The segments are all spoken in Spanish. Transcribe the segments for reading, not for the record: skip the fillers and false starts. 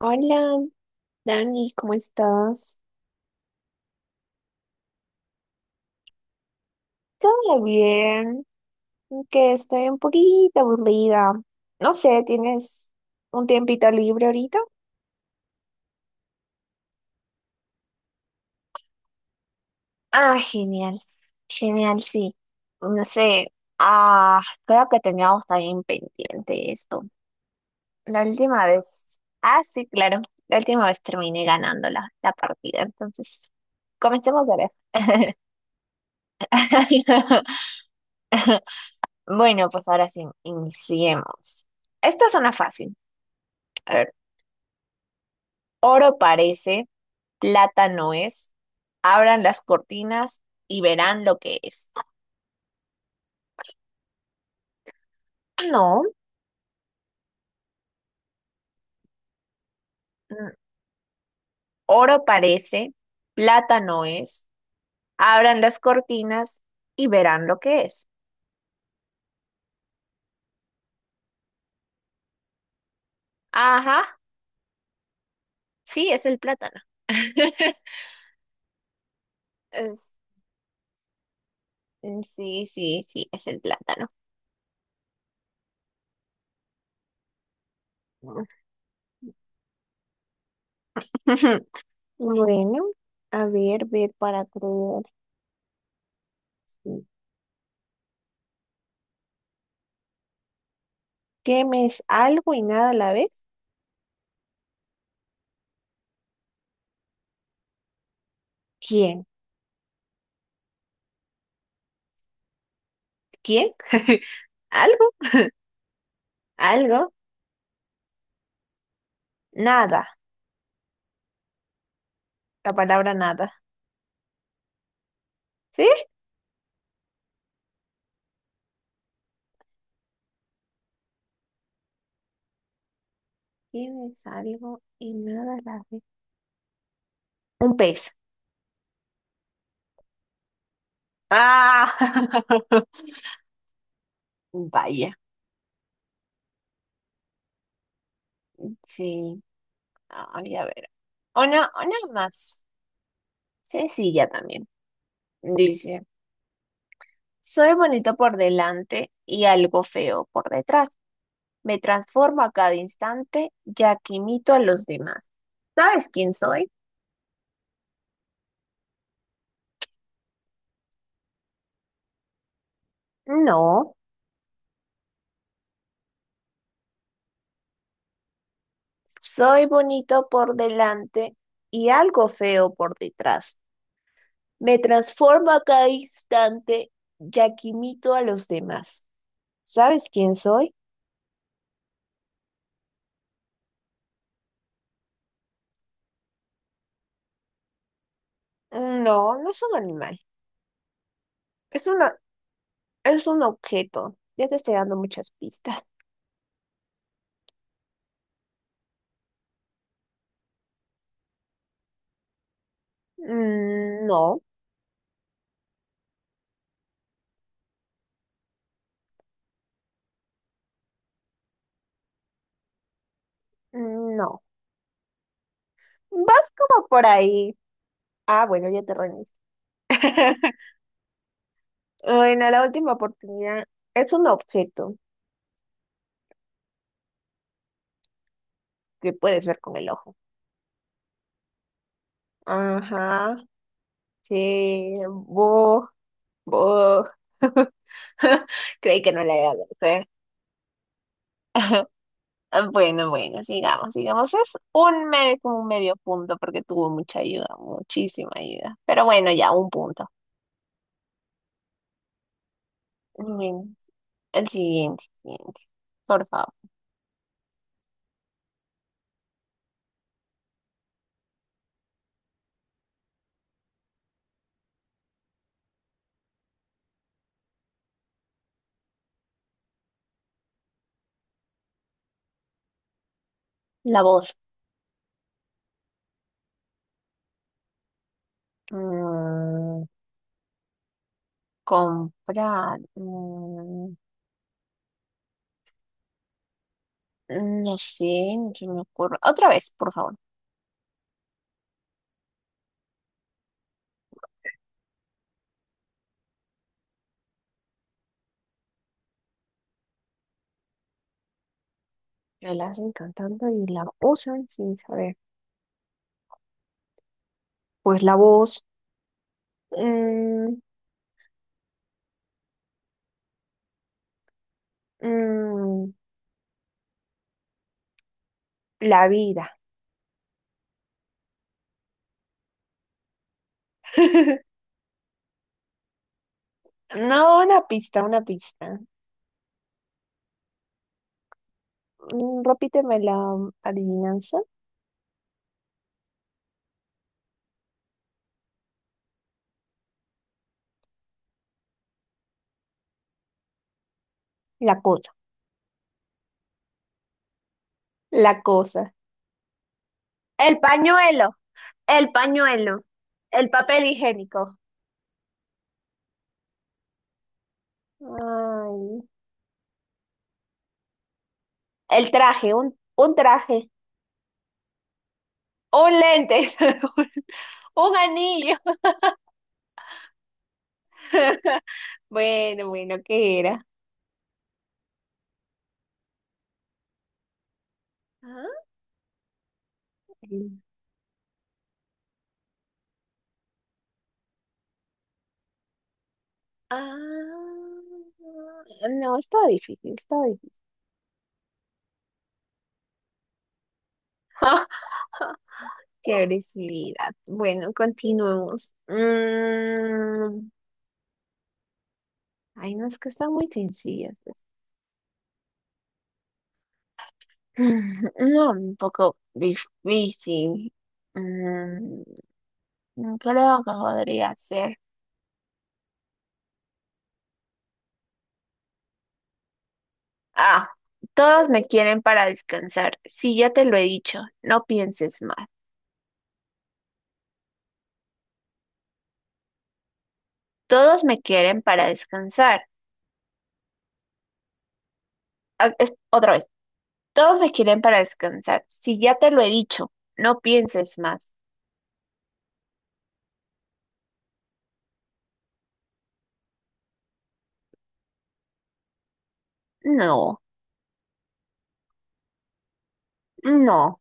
Hola, Dani, ¿cómo estás? Todo bien, aunque estoy un poquito aburrida. No sé, ¿tienes un tiempito libre ahorita? Ah, genial, genial, sí. Pues no sé, creo que teníamos también pendiente esto. La última vez, sí, claro, la última vez terminé ganando la partida, entonces, comencemos ahora. Bueno, pues ahora sí, iniciemos. Esta es una fácil. A ver, oro parece, plata no es. Abran las cortinas y verán lo que es. Ah, no, mm, oro parece, plata no es. Abran las cortinas y verán lo que es. Ajá, sí, es el plátano. Es- mm, sí, sí, sí, es el plátano. Bueno, a ver, ver para creer. ¿Qué me es algo y nada a la vez? ¿Quién? ¿Quién? ¿Algo? ¿Algo? Nada, la palabra nada. ¿Sí? Tienes algo y nada a la ve. Un pez. Ah, vaya. Sí. Ay, a ver. Una más sencilla también. Dice, soy bonito por delante y algo feo por detrás. Me transformo a cada instante, ya que imito a los demás. ¿Sabes quién soy? No, soy bonito por delante y algo feo por detrás. Me transformo a cada instante, ya que imito a los demás. ¿Sabes quién soy? Mm, no, no es un animal. Es una, es un objeto. Ya te estoy dando muchas pistas. Mm, no, mm, no. Vas como por ahí. Ah, bueno, ya te rendiste. Bueno, la última oportunidad es un objeto que puedes ver con el ojo. Ajá, sí, bo, bo. Creí que no le había dado fe. Ah, bueno, bueno, sigamos, sigamos. Es un medio, como un medio punto porque tuvo mucha ayuda, muchísima ayuda. Pero bueno, ya, un punto. Bueno, el siguiente, siguiente. Por favor. La voz. Mm, comprar. Mm, no sé, no se me ocurre. Otra vez, por favor. Me la hacen cantando y la usan sin saber. Pues la voz, mm, mm, la vida. No, una pista, una pista. Repíteme la adivinanza. La cosa. La cosa. El pañuelo, el pañuelo, el papel higiénico. Ay, el traje, un traje, un lente, un anillo. Bueno, bueno, ¿qué era? ¿Ah? el- Ah, no, está difícil, está difícil. Qué agresividad. Bueno, continuemos. Ay, no, es que están muy sencillas. Mm, no, un poco difícil. Mm, creo que podría ser. Ah, todos me quieren para descansar. Sí, ya te lo he dicho, no pienses más. Todos me quieren para descansar. Ah, otra vez, todos me quieren para descansar. Sí, ya te lo he dicho, no pienses más. No, no.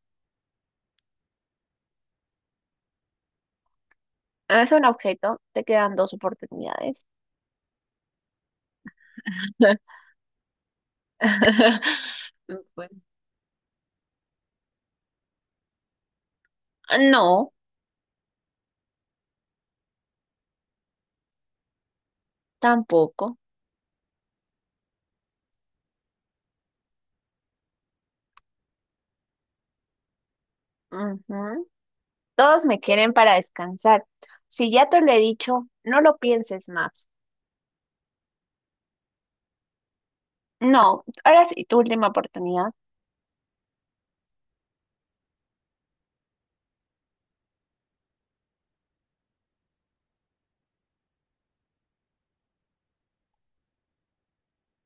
Es un objeto, te quedan dos oportunidades. Bueno, no, tampoco. Ujú. Todos me quieren para descansar. Si ya te lo he dicho, no lo pienses más. No, ahora sí, tu última oportunidad.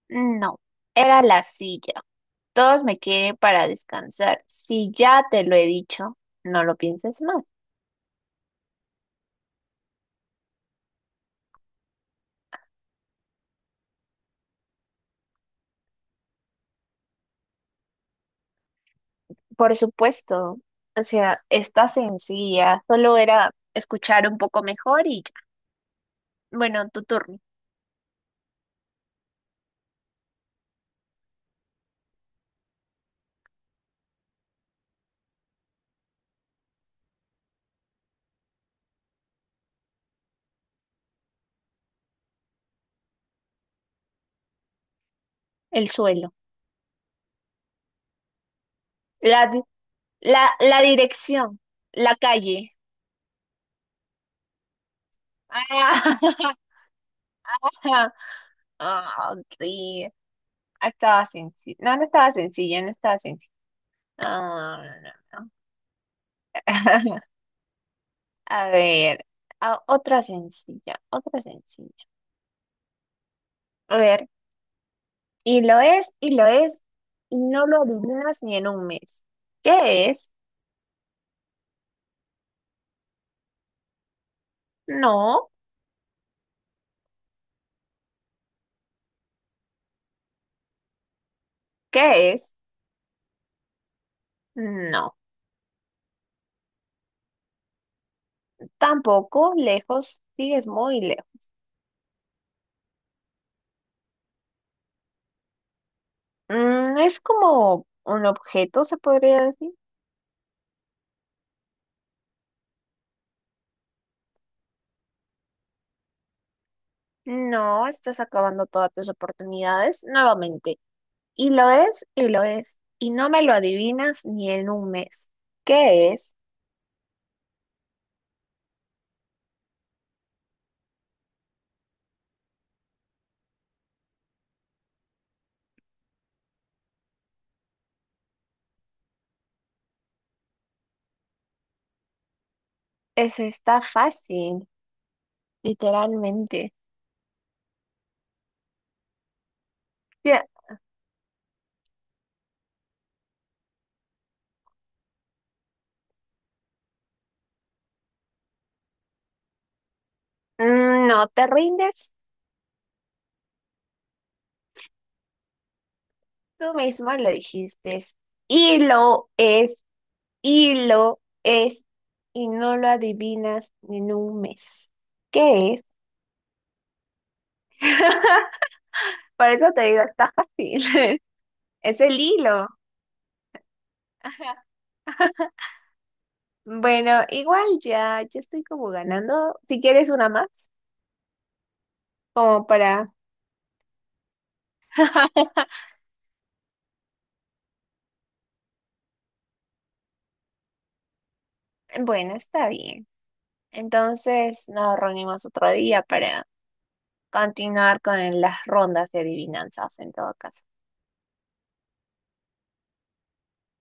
No, era la silla. Todos me quieren para descansar. Si ya te lo he dicho, no lo pienses más. Por supuesto, o sea, está sencilla. Solo era escuchar un poco mejor y ya. Bueno, tu turno. El suelo. La, di- la dirección. La calle. Ah, ah, sí. Ah, estaba sencilla. No, no estaba sencilla, no estaba sencilla. Ah, no, no, no, A ver, otra sencilla, otra sencilla. A ver, y lo es, y lo es, y no lo adivinas ni en un mes. ¿Qué es? No. ¿Qué es? No. Tampoco, lejos, sigues muy lejos. Es como un objeto, se podría decir. No, estás acabando todas tus oportunidades nuevamente. Y lo es, y lo es, y no me lo adivinas ni en un mes. ¿Qué es? Está fácil, literalmente. Ya, no te rindes, tú misma lo dijiste. Y lo es, y lo es, y no lo adivinas ni en un mes. ¿Qué es? Por eso te digo, está fácil. Es el hilo. Bueno, igual ya estoy como ganando. Si quieres una más, como para Bueno, está bien. Entonces nos reunimos otro día para continuar con las rondas de adivinanzas en todo caso.